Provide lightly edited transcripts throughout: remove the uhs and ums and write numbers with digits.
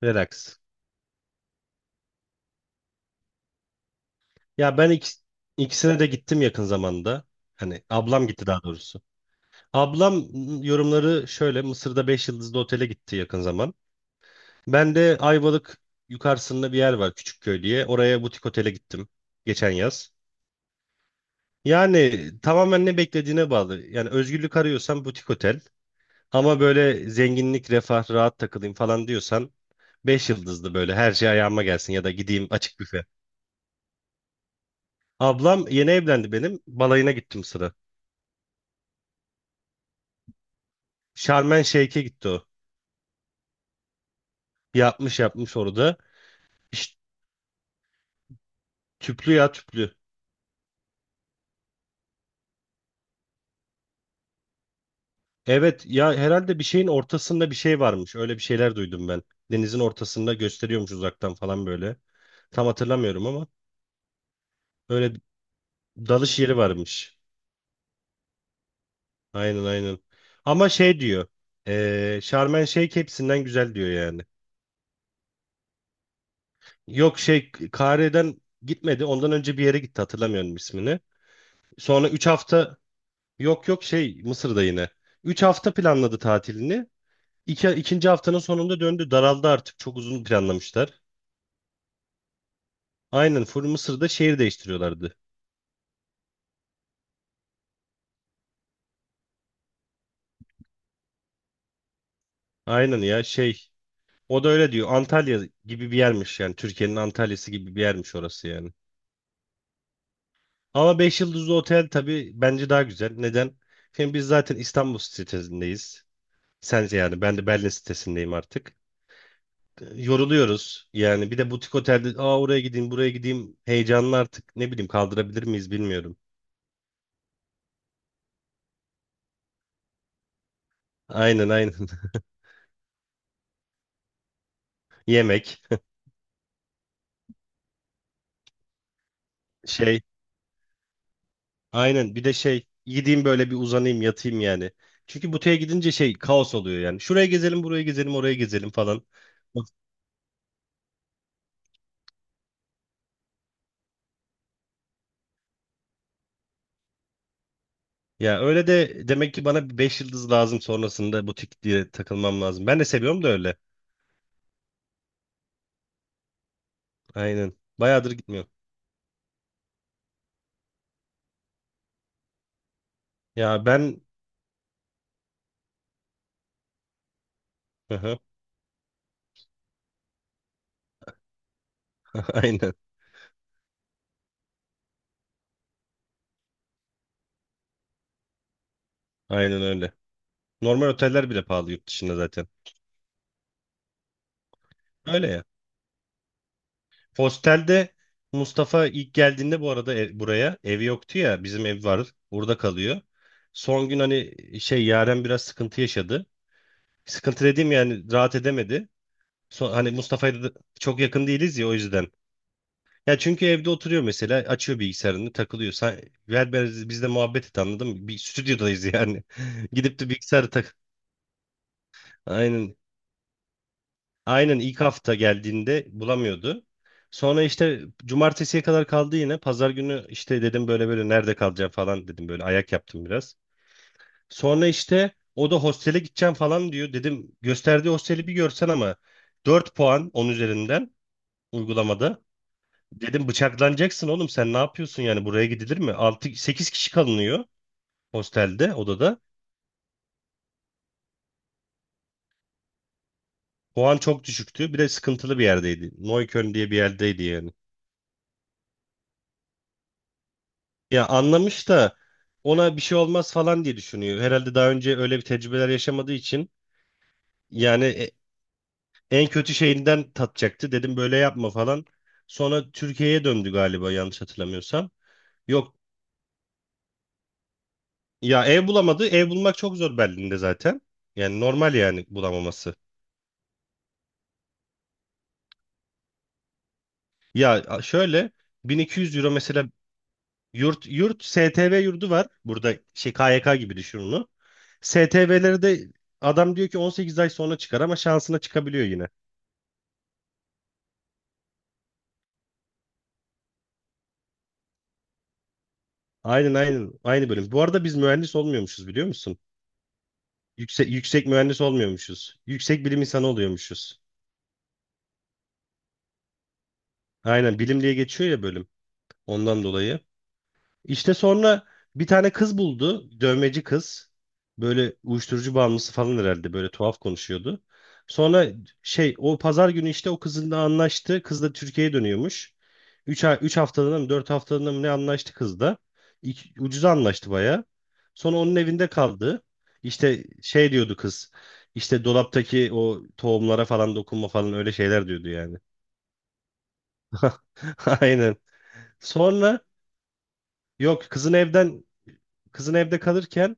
Relax. Ya ben ikisine de gittim yakın zamanda. Hani ablam gitti, daha doğrusu. Ablam yorumları şöyle. Mısır'da 5 yıldızlı otele gitti yakın zaman. Ben de Ayvalık yukarısında bir yer var, Küçükköy diye. Oraya butik otele gittim geçen yaz. Yani tamamen ne beklediğine bağlı. Yani özgürlük arıyorsan butik otel. Ama böyle zenginlik, refah, rahat takılayım falan diyorsan 5 yıldızlı, böyle her şey ayağıma gelsin, ya da gideyim açık büfe. Ablam yeni evlendi benim. Balayına gittim sıra. Şarm El Şeyh'e gitti o. Yapmış yapmış orada. İşte tüplü ya, tüplü. Evet ya, herhalde bir şeyin ortasında bir şey varmış. Öyle bir şeyler duydum ben. Denizin ortasında gösteriyormuş uzaktan falan böyle. Tam hatırlamıyorum ama öyle dalış yeri varmış. Aynen, aynen. Ama şey diyor. Şarm El Şeyh hepsinden güzel diyor yani. Yok, şey, Kahire'den gitmedi. Ondan önce bir yere gitti, hatırlamıyorum ismini. Sonra 3 hafta, yok yok, şey, Mısır'da yine. 3 hafta planladı tatilini. İkinci haftanın sonunda döndü. Daraldı artık. Çok uzun planlamışlar. Aynen, full Mısır'da şehir değiştiriyorlardı. Aynen ya, şey. O da öyle diyor. Antalya gibi bir yermiş yani. Türkiye'nin Antalya'sı gibi bir yermiş orası yani. Ama 5 yıldızlı otel tabii bence daha güzel. Neden? Şimdi biz zaten İstanbul sitesindeyiz. Sence yani, ben de Berlin sitesindeyim artık. Yoruluyoruz. Yani bir de butik otelde, oraya gideyim buraya gideyim, heyecanlı artık, ne bileyim, kaldırabilir miyiz bilmiyorum. Aynen, aynen. Yemek, şey. Aynen, bir de şey, gideyim böyle, bir uzanayım yatayım yani. Çünkü buteye gidince şey, kaos oluyor yani. Şuraya gezelim, buraya gezelim, oraya gezelim falan. Ya öyle de demek ki bana 5 yıldız lazım, sonrasında butik diye takılmam lazım. Ben de seviyorum da öyle. Aynen. Bayağıdır gitmiyorum. Ya ben. Hı hı. Aynen, aynen öyle. Normal oteller bile pahalı yurt dışında zaten. Öyle ya. Hostelde. Mustafa ilk geldiğinde bu arada buraya evi yoktu ya, bizim ev var, burada kalıyor. Son gün, hani şey, Yaren biraz sıkıntı yaşadı. Sıkıntı dediğim yani, rahat edemedi. Son, hani Mustafa'ya da çok yakın değiliz ya, o yüzden. Ya çünkü evde oturuyor mesela, açıyor bilgisayarını, takılıyor. Sen, ver, biz muhabbet et, anladın mı? Bir stüdyodayız yani. Gidip de bilgisayarı tak. Aynen. Aynen ilk hafta geldiğinde bulamıyordu. Sonra işte cumartesiye kadar kaldı yine. Pazar günü işte dedim böyle böyle, nerede kalacağım falan dedim, böyle ayak yaptım biraz. Sonra işte o da hostele gideceğim falan diyor. Dedim gösterdiği hosteli bir görsen ama, 4 puan 10 üzerinden uygulamada. Dedim bıçaklanacaksın oğlum, sen ne yapıyorsun yani, buraya gidilir mi? 6 8 kişi kalınıyor hostelde, odada. Puan çok düşüktü. Bir de sıkıntılı bir yerdeydi. Neukölln diye bir yerdeydi yani. Ya anlamış da ona bir şey olmaz falan diye düşünüyor. Herhalde daha önce öyle bir tecrübeler yaşamadığı için yani, en kötü şeyinden tatacaktı. Dedim böyle yapma falan. Sonra Türkiye'ye döndü galiba, yanlış hatırlamıyorsam. Yok ya, ev bulamadı. Ev bulmak çok zor Berlin'de zaten. Yani normal, yani bulamaması. Ya şöyle, 1200 euro mesela. Yurt, STV yurdu var. Burada şey, KYK gibi düşün onu. STV'leri de adam diyor ki 18 ay sonra çıkar, ama şansına çıkabiliyor yine. Aynen, aynen. Aynı bölüm. Bu arada biz mühendis olmuyormuşuz, biliyor musun? Yüksek mühendis olmuyormuşuz. Yüksek bilim insanı oluyormuşuz. Aynen, bilim diye geçiyor ya bölüm. Ondan dolayı. İşte sonra bir tane kız buldu. Dövmeci kız. Böyle uyuşturucu bağımlısı falan herhalde. Böyle tuhaf konuşuyordu. Sonra şey, o pazar günü işte o kızınla anlaştı. Kız da Türkiye'ye dönüyormuş. Üç haftalığına mı, 4 haftalığına mı, ne anlaştı kız da. Ucuza anlaştı baya. Sonra onun evinde kaldı. İşte şey diyordu kız. İşte dolaptaki o tohumlara falan dokunma falan, öyle şeyler diyordu yani. Aynen. Sonra yok. Kızın evde kalırken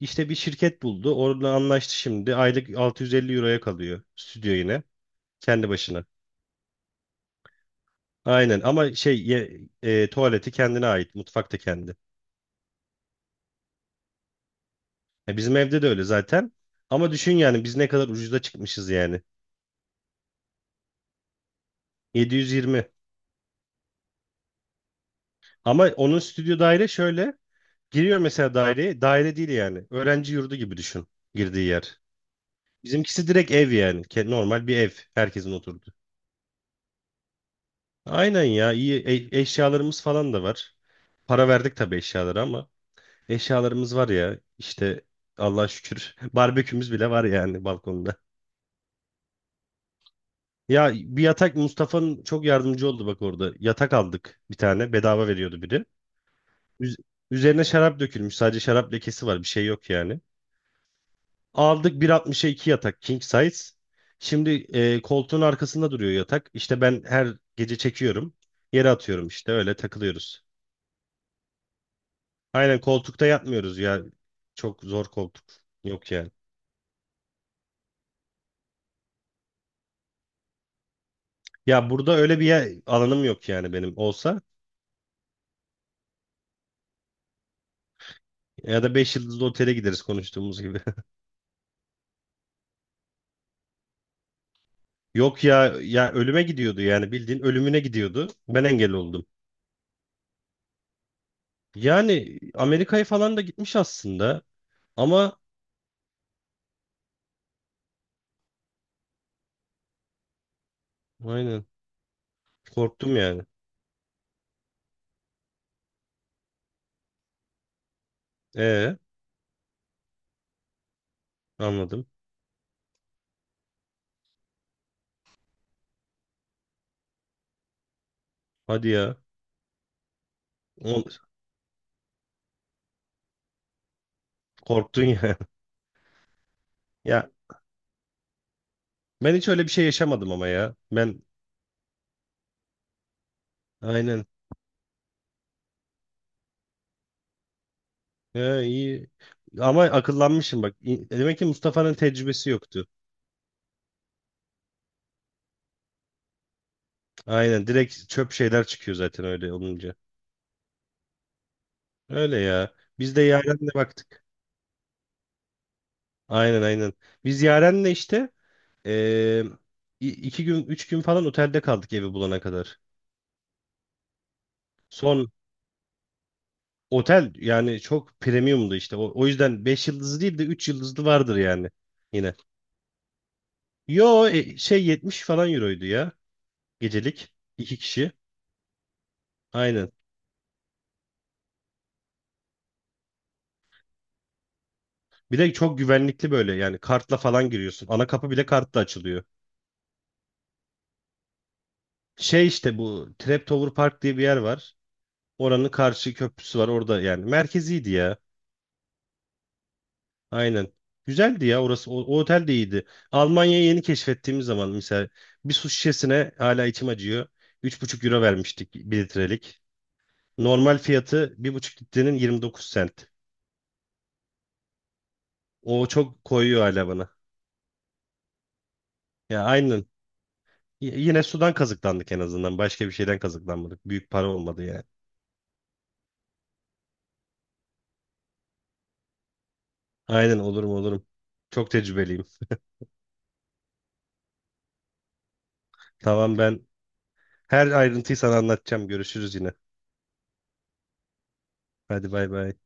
işte bir şirket buldu. Orada anlaştı şimdi. Aylık 650 euroya kalıyor stüdyo yine. Kendi başına. Aynen, ama şey, tuvaleti kendine ait. Mutfak da kendi. Bizim evde de öyle zaten. Ama düşün yani, biz ne kadar ucuza çıkmışız yani. 720. Ama onun stüdyo daire şöyle. Giriyor mesela daireye. Daire değil yani. Öğrenci yurdu gibi düşün girdiği yer. Bizimkisi direkt ev yani. Normal bir ev. Herkesin oturduğu. Aynen ya, iyi, eşyalarımız falan da var. Para verdik tabii eşyalara ama eşyalarımız var ya işte, Allah'a şükür, barbekümüz bile var yani balkonda. Ya bir yatak, Mustafa'nın çok yardımcı oldu bak orada. Yatak aldık, bir tane bedava veriyordu biri. Üz- üzerine şarap dökülmüş, sadece şarap lekesi var, bir şey yok yani. Aldık 1.60'a 2 yatak king size. Şimdi koltuğun arkasında duruyor yatak. İşte ben her gece çekiyorum. Yere atıyorum, işte öyle takılıyoruz. Aynen, koltukta yatmıyoruz ya. Çok zor koltuk. Yok yani. Ya burada öyle bir yer, alanım yok yani, benim olsa. Ya da 5 yıldızlı otele gideriz, konuştuğumuz gibi. Yok ya, ya ölüme gidiyordu yani, bildiğin ölümüne gidiyordu. Ben engel oldum. Yani Amerika'ya falan da gitmiş aslında. Ama aynen, korktum yani. E, anladım. Hadi ya. O- Korktun ya. Ya ben hiç öyle bir şey yaşamadım ama ya. Ben aynen. İyi. Ama akıllanmışım bak. Demek ki Mustafa'nın tecrübesi yoktu. Aynen, direkt çöp şeyler çıkıyor zaten öyle olunca. Öyle ya. Biz de Yaren'le baktık. Aynen, aynen. Biz Yaren'le işte, eee, iki gün üç gün falan otelde kaldık, evi bulana kadar. Son otel yani çok premiumdu işte. O yüzden 5 yıldızlı değil de 3 yıldızlı vardır yani yine. Yo, şey, 70 falan euroydu ya, gecelik iki kişi. Aynen. Bir de çok güvenlikli böyle yani, kartla falan giriyorsun. Ana kapı bile kartla açılıyor. Şey, işte bu Traptower Park diye bir yer var. Oranın karşı köprüsü var orada yani. Merkeziydi ya. Aynen. Güzeldi ya orası. O otel de iyiydi. Almanya'yı yeni keşfettiğimiz zaman mesela, bir su şişesine hala içim acıyor. 3,5 euro vermiştik bir litrelik. Normal fiyatı 1,5 litrenin 29 sent. O çok koyuyor hala bana. Ya aynen. Yine sudan kazıklandık en azından. Başka bir şeyden kazıklanmadık. Büyük para olmadı yani. Aynen, olurum olurum. Çok tecrübeliyim. Tamam, ben her ayrıntıyı sana anlatacağım. Görüşürüz yine. Hadi bay bay.